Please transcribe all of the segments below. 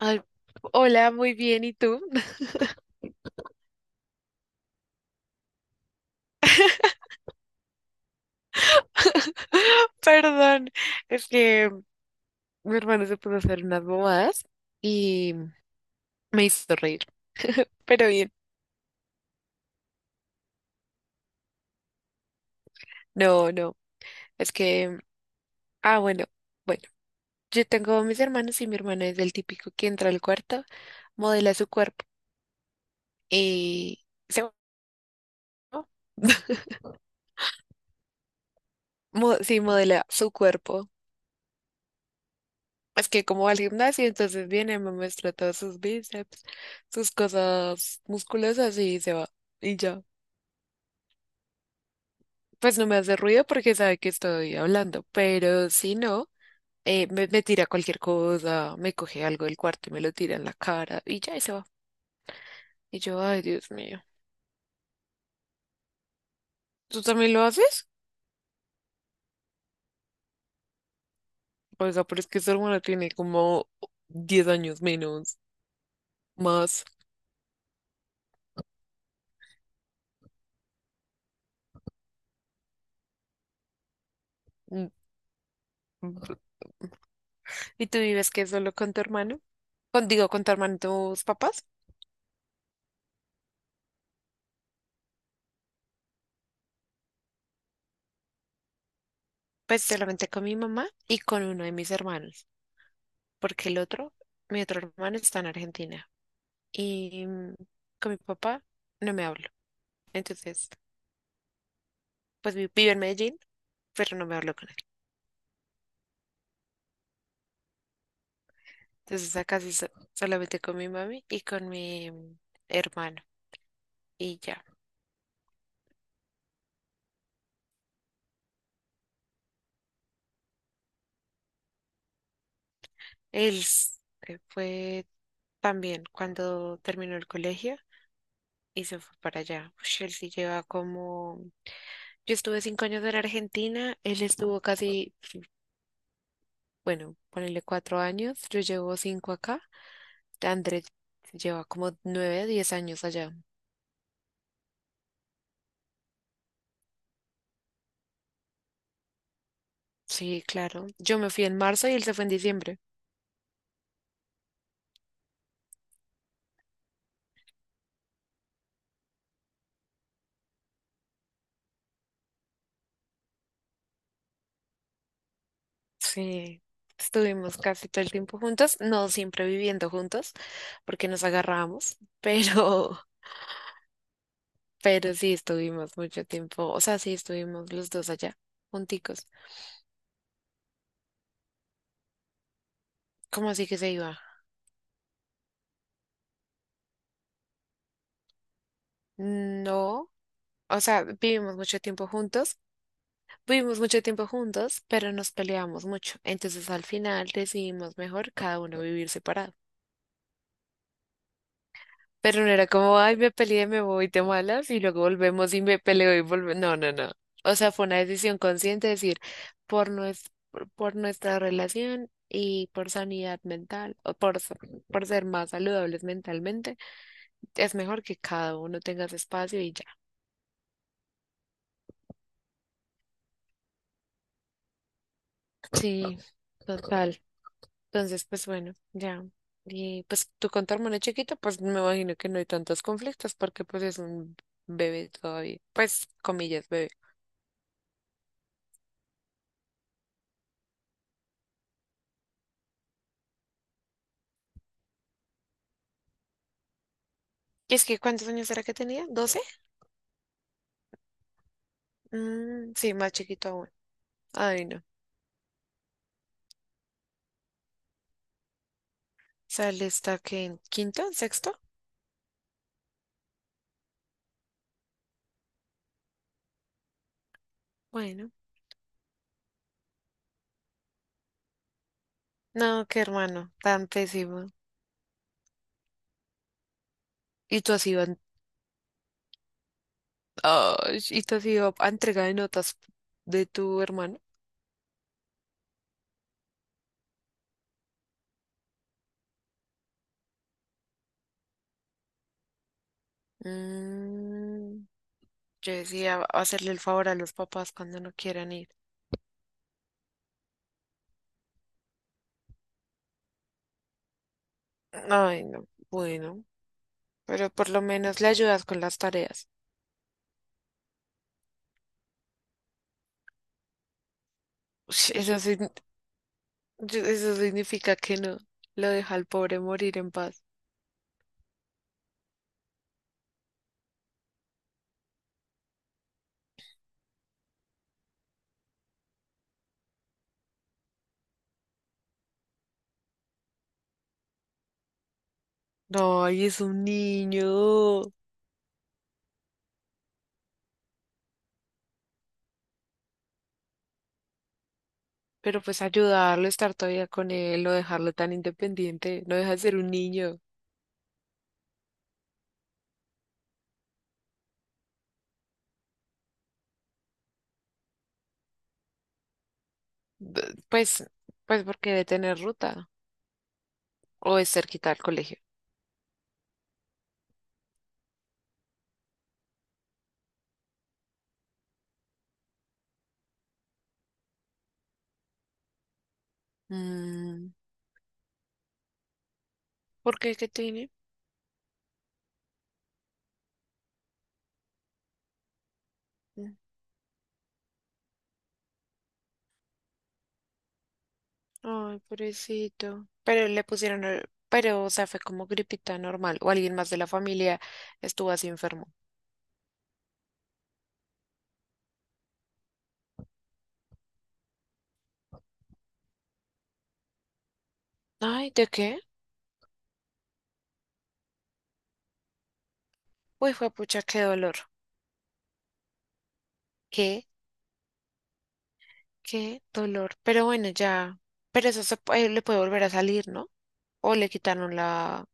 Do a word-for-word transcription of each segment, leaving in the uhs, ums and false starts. Ay, hola, muy bien, ¿y tú? Perdón, es que mi hermano se puso a hacer unas bobadas y me hizo reír, pero bien. No, no, es que, ah, bueno, bueno, yo tengo mis hermanos y mi hermana es del típico que entra al cuarto, modela su cuerpo y se... Mo- Sí, modela su cuerpo. Es que como va al gimnasio, entonces viene, me muestra todos sus bíceps, sus cosas musculosas y se va. Y ya. Pues no me hace ruido porque sabe que estoy hablando, pero si no, eh, me, me tira cualquier cosa, me coge algo del cuarto y me lo tira en la cara y ya y se va. Y yo, ay, Dios mío. ¿Tú también lo haces? O sea, pero es que su hermana tiene como diez años menos, más. Mm. Mm. ¿Y tú vives que solo con tu hermano? Con, digo, con tu hermano y tus papás. Pues solamente con mi mamá y con uno de mis hermanos, porque el otro, mi otro hermano está en Argentina. Y mm, con mi papá no me habla. Entonces, pues vi- vive en Medellín, pero no me hablo con él. Entonces, acá sí so- solamente con mi mami y con mi mm, hermano. Y ya. Él s- eh, fue también cuando terminó el colegio y se fue para allá. Ush, él sí lleva como... Yo estuve cinco años en Argentina, él estuvo casi, bueno, ponele cuatro años, yo llevo cinco acá. Andrés lleva como nueve, diez años allá. Sí, claro. Yo me fui en marzo y él se fue en diciembre. Sí, estuvimos casi todo el tiempo juntos, no siempre viviendo juntos, porque nos agarramos, pero, pero sí estuvimos mucho tiempo, o sea, sí estuvimos los dos allá, junticos. ¿Cómo así que se iba? No, o sea, vivimos mucho tiempo juntos, vivimos mucho tiempo juntos, pero nos peleamos mucho. Entonces al final decidimos mejor cada uno vivir separado. Pero no era como, ay, me peleé, me voy, te malas, y luego volvemos y me peleo y volvemos. No, no, no. O sea, fue una decisión consciente, es decir, por, nues- por por nuestra relación y por sanidad mental, o por, s- por ser más saludables mentalmente, es mejor que cada uno tenga su espacio y ya. Sí, total. Entonces, pues bueno, ya. Y pues tú con tu hermano chiquito, pues me imagino que no hay tantos conflictos porque pues es un bebé todavía. Pues, comillas, bebé. Es que, ¿cuántos años era que tenía? Doce. Mm, sí, más chiquito aún. Ay, no. Sale, está que en quinto, sexto. Bueno, no, qué hermano, tan pésimo. Y tú has ido, a- ay, y tú has ido a entrega de notas de tu hermano. Mm, yo decía hacerle el favor a los papás cuando no quieran ir. Ay, no, bueno, pero por lo menos le ayudas con las tareas. Ush. Eso, sign- yo- eso significa que no, lo deja al pobre morir en paz. Ay, es un niño. Pero pues ayudarlo, estar todavía con él, no dejarlo tan independiente, no deja de ser un niño. B- Pues, pues porque debe tener ruta o es cerquita al colegio. Mm, ¿por qué que tiene? Mm. Ay, pobrecito. Pero le pusieron, el- pero o sea, fue como gripita normal o alguien más de la familia estuvo así enfermo. Ay, ¿de qué? Uy, fue pucha, qué dolor. ¿Qué? ¿Qué dolor? Pero bueno, ya. Pero eso se, puede- le puede volver a salir, ¿no? O le quitaron la...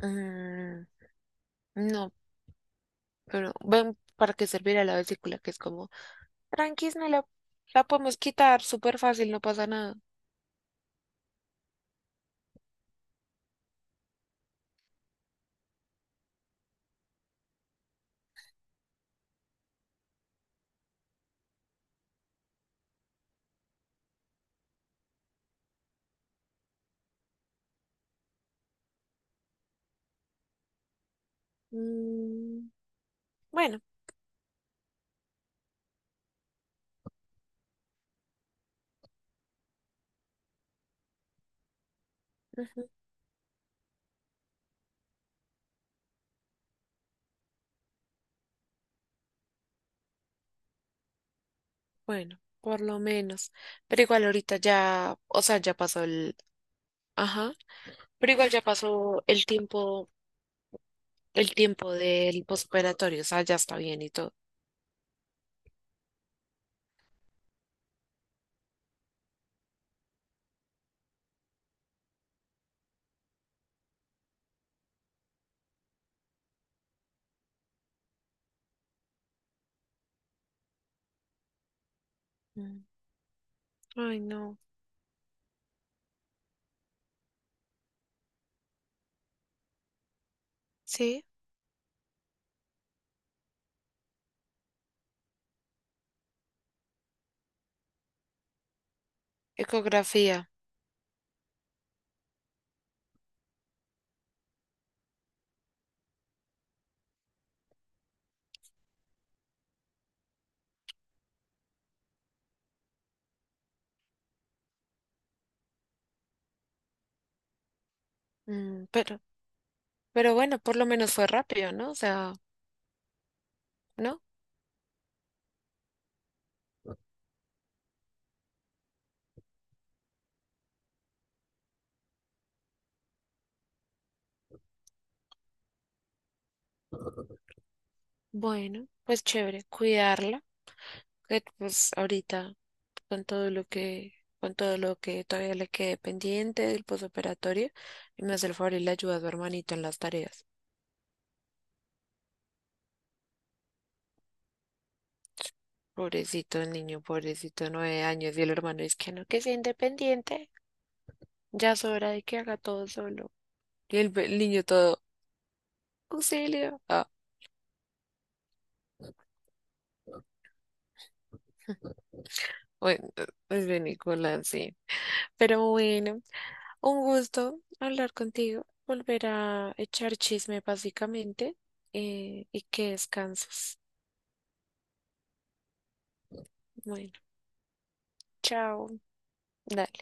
Mm, no, pero ven para qué servirá la vesícula, que es como, tranquis, no la, la podemos quitar súper fácil, no pasa nada. Mm. Bueno. Ujú, bueno, por lo menos. Pero igual ahorita ya, o sea, ya pasó el... Ajá, pero igual ya pasó el tiempo el tiempo del postoperatorio, o sea, ya está bien y todo. Mm. Ay, no. Sí, ecografía. Mm, pero, pero bueno, por lo menos fue rápido, ¿no? O sea, ¿no? Bueno, pues chévere, cuidarla, que pues ahorita. Con todo lo que, con todo lo que todavía le quede pendiente del posoperatorio y me hace el favor y le ayuda a su hermanito en las tareas. Pobrecito el niño, pobrecito, nueve años y el hermano es que no, que sea independiente, ya es hora de que haga todo solo. Y el, pe- el niño todo, auxilio. Ah, bueno, es de Nicolás, sí. Pero bueno, un gusto hablar contigo, volver a echar chisme básicamente eh, y que descanses. Bueno, chao. Dale.